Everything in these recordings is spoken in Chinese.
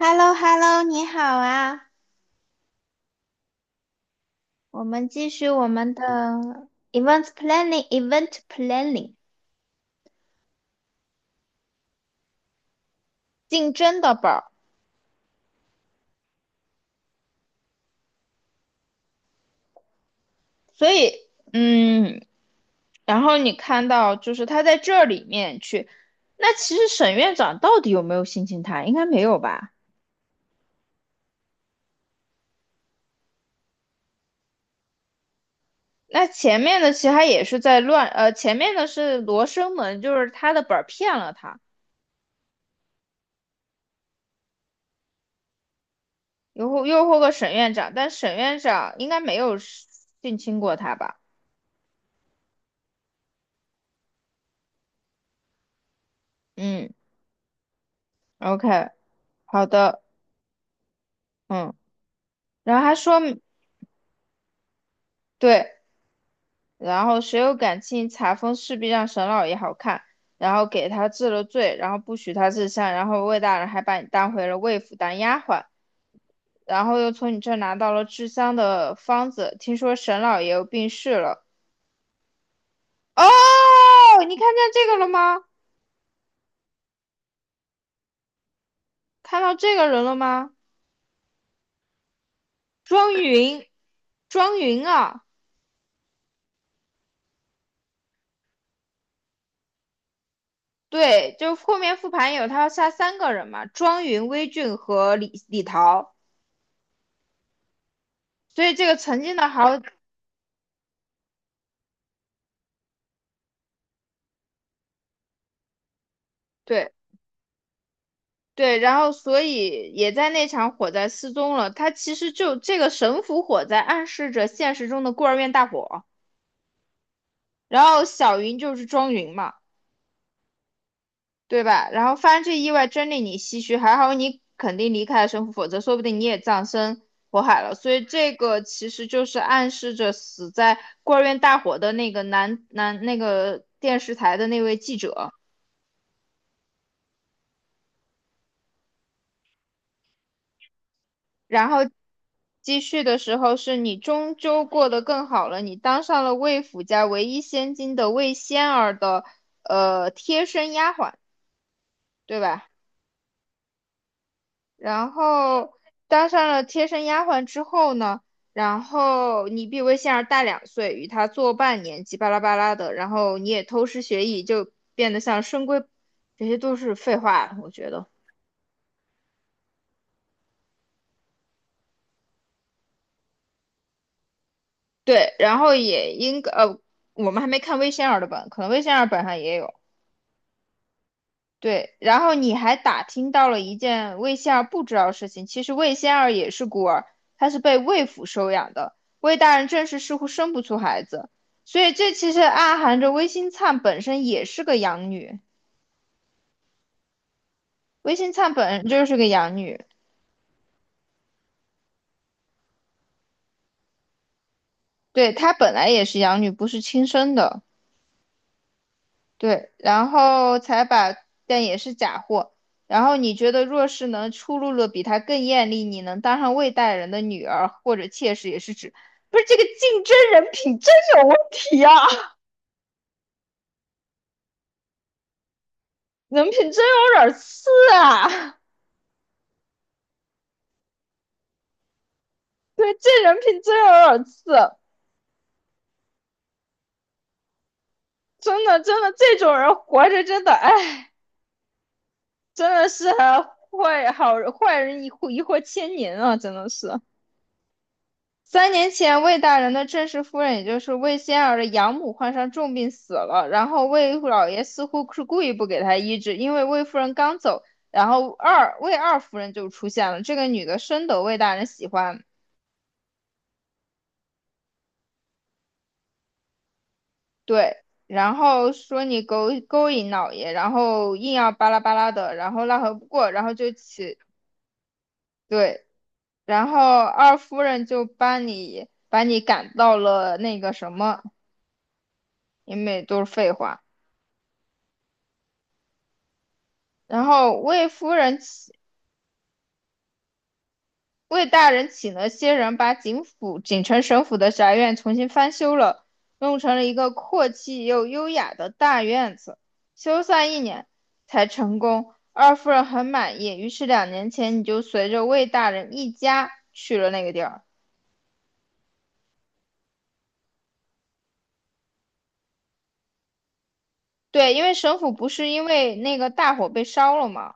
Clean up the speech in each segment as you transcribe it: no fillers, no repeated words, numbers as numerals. h e l l o h e l l o 你好啊！我们继续我们的 event planning event planning 竞争的本儿。所以，嗯，然后你看到就是他在这里面去，那其实沈院长到底有没有性侵他？应该没有吧？那前面的其实他也是在乱，前面的是罗生门，就是他的本儿骗了他，诱惑诱惑个沈院长，但沈院长应该没有性侵过他吧？嗯，OK，好的。嗯，然后还说，对，然后谁有感情，查封势必让沈老爷好看，然后给他治了罪，然后不许他治香，然后魏大人还把你当回了魏府当丫鬟，然后又从你这儿拿到了治香的方子，听说沈老爷又病逝了。哦，你看见这个了吗？看到这个人了吗？庄云，庄云啊，对，就后面复盘有他要杀3个人嘛，庄云、微俊和李桃。所以这个曾经的好对对，然后所以也在那场火灾失踪了。他其实就这个神府火灾暗示着现实中的孤儿院大火，然后小云就是庄云嘛，对吧？然后发生这意外真令你唏嘘，还好你肯定离开了神府，否则说不定你也葬身火海了。所以这个其实就是暗示着死在孤儿院大火的那个男那个电视台的那位记者。然后继续的时候，是你终究过得更好了，你当上了魏府家唯一千金的魏仙儿的贴身丫鬟，对吧？然后当上了贴身丫鬟之后呢，然后你比魏仙儿大2岁，与她做伴年纪巴拉巴拉的，然后你也偷师学艺，就变得像深闺，这些都是废话，我觉得。对，然后也应该，我们还没看魏仙儿的本，可能魏仙儿本上也有。对，然后你还打听到了一件魏仙儿不知道的事情。其实魏仙儿也是孤儿，她是被魏府收养的。魏大人正是似乎生不出孩子，所以这其实暗含着魏新灿本身也是个养女。魏新灿本人就是个养女，对，她本来也是养女，不是亲生的。对，然后才把，但也是假货。然后你觉得若是能出露了比他更艳丽，你能当上魏大人的女儿或者妾室，也是指，不是这个竞争人品真有问题啊，人品真有点次啊，对，这人品真有点次，真的真的这种人活着真的，哎，真的是还坏好坏人一祸一祸千年啊，真的是。3年前，魏大人的正式夫人，也就是魏仙儿的养母，患上重病死了。然后魏老爷似乎是故意不给她医治，因为魏夫人刚走，然后二夫人就出现了。这个女的深得魏大人喜欢，对，然后说你勾引老爷，然后硬要巴拉巴拉的，然后奈何不过，然后就起对，然后二夫人就把你赶到了那个什么，因为都是废话。然后魏大人请了些人把警府锦城省府的宅院重新翻修了，弄成了一个阔气又优雅的大院子。修缮一年才成功，二夫人很满意，于是2年前你就随着魏大人一家去了那个地儿。对，因为省府不是因为那个大火被烧了嘛，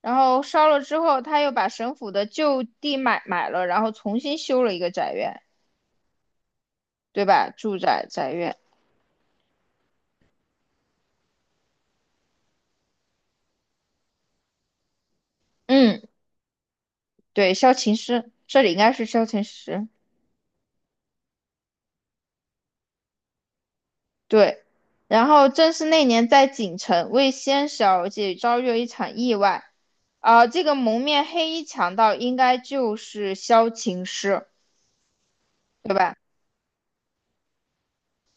然后烧了之后，他又把省府的旧地买了，然后重新修了一个宅院，对吧？住宅宅院，嗯。对，萧琴师，这里应该是萧琴师。对，然后正是那年在锦城，魏仙小姐遭遇了一场意外。啊，这个蒙面黑衣强盗应该就是萧琴师，对吧？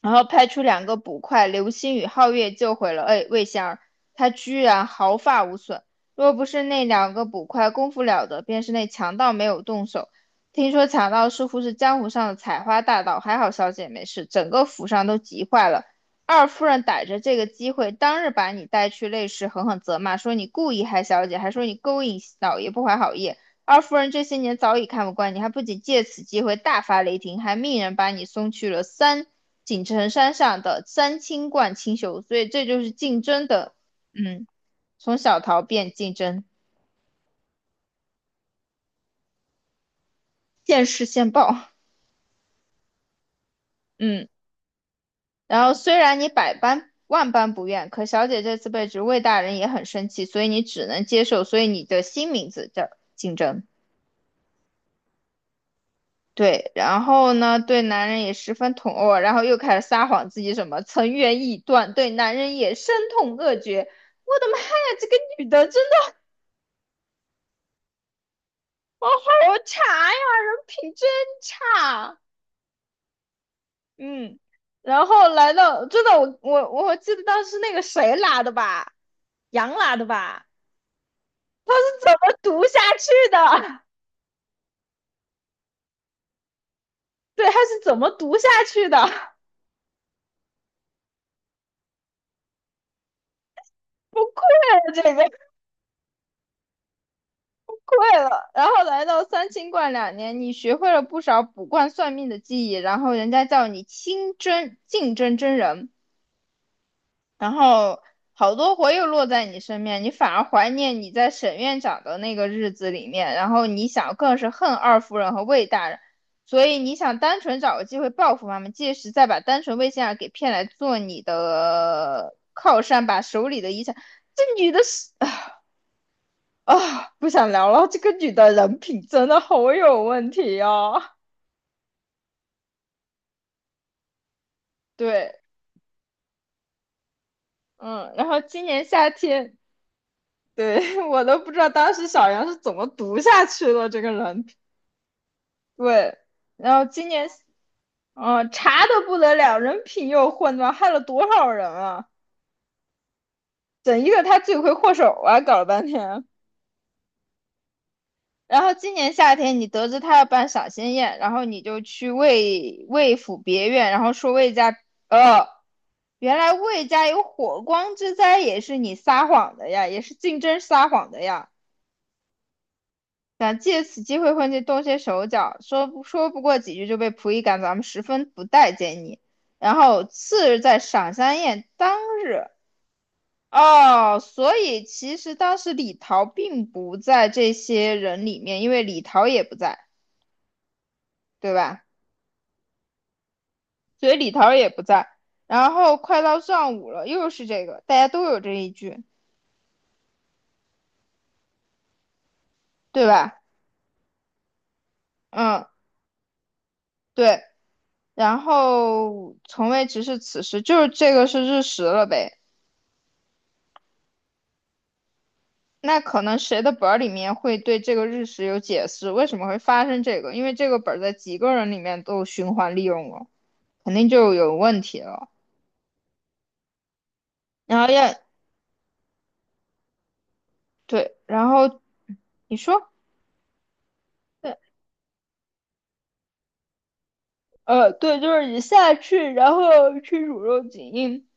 然后派出两个捕快流星与皓月救回了魏仙儿，他居然毫发无损。若不是那两个捕快功夫了得，便是那强盗没有动手。听说强盗似乎是江湖上的采花大盗，还好小姐没事，整个府上都急坏了。二夫人逮着这个机会，当日把你带去内室，狠狠责骂，说你故意害小姐，还说你勾引老爷不怀好意。二夫人这些年早已看不惯你，还不仅借此机会大发雷霆，还命人把你送去了锦城山上的三清观清修。所以这就是竞争的，嗯，从小逃变竞争，现世现报，嗯。然后虽然你百般万般不愿，可小姐这次被职魏大人也很生气，所以你只能接受，所以你的新名字叫竞争。对，然后呢，对男人也十分痛恶，然后又开始撒谎自己什么曾愿意断，对男人也深痛恶绝。我的妈呀，这个女的真的好好哦差呀，人品真差。嗯，然后来到，真的，我记得当时那个谁拉的吧，杨拉的吧，他是怎么读下去的？对，他是怎么读下去的？不愧会了，然后来到三清观两年，你学会了不少卜卦算命的技艺，然后人家叫你清真净真真人，然后好多活又落在你身边，你反而怀念你在沈院长的那个日子里面，然后你想更是恨二夫人和魏大人，所以你想单纯找个机会报复他们，届时再把单纯魏先生给骗来做你的靠山，把手里的遗产，这女的是。啊，不想聊了。这个女的人品真的好有问题哦。对，嗯，然后今年夏天，对，我都不知道当时小杨是怎么读下去的这个人品。对，然后今年，嗯，查的不得了，人品又混乱，害了多少人啊！整一个他罪魁祸首啊，搞了半天。然后今年夏天，你得知他要办赏仙宴，然后你就去魏府别院，然后说魏家，呃，原来魏家有火光之灾，也是你撒谎的呀，也是竞争撒谎的呀，想借此机会混进动些手脚，说不过几句就被仆役赶走，咱们十分不待见你。然后次日在赏仙宴当日，哦，所以其实当时李桃并不在这些人里面，因为李桃也不在，对吧？所以李桃也不在。然后快到上午了，又是这个，大家都有这一句，对吧？嗯，对。然后从未直视此时，就是这个是日食了呗。那可能谁的本儿里面会对这个日食有解释，为什么会发生这个？因为这个本儿在几个人里面都循环利用了，肯定就有问题了。然后要对，然后你说，对，对，就是你下去，然后去卤肉锦印，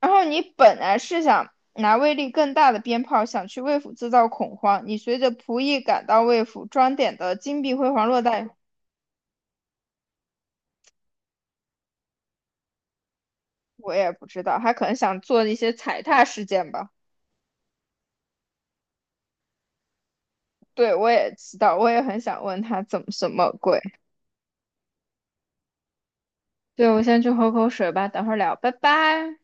然后你本来是想拿威力更大的鞭炮，想去魏府制造恐慌。你随着仆役赶到魏府，装点的金碧辉煌落袋，我也不知道，他可能想做一些踩踏事件吧。对，我也知道，我也很想问他怎么什么鬼。对，我先去喝口水吧，等会儿聊，拜拜。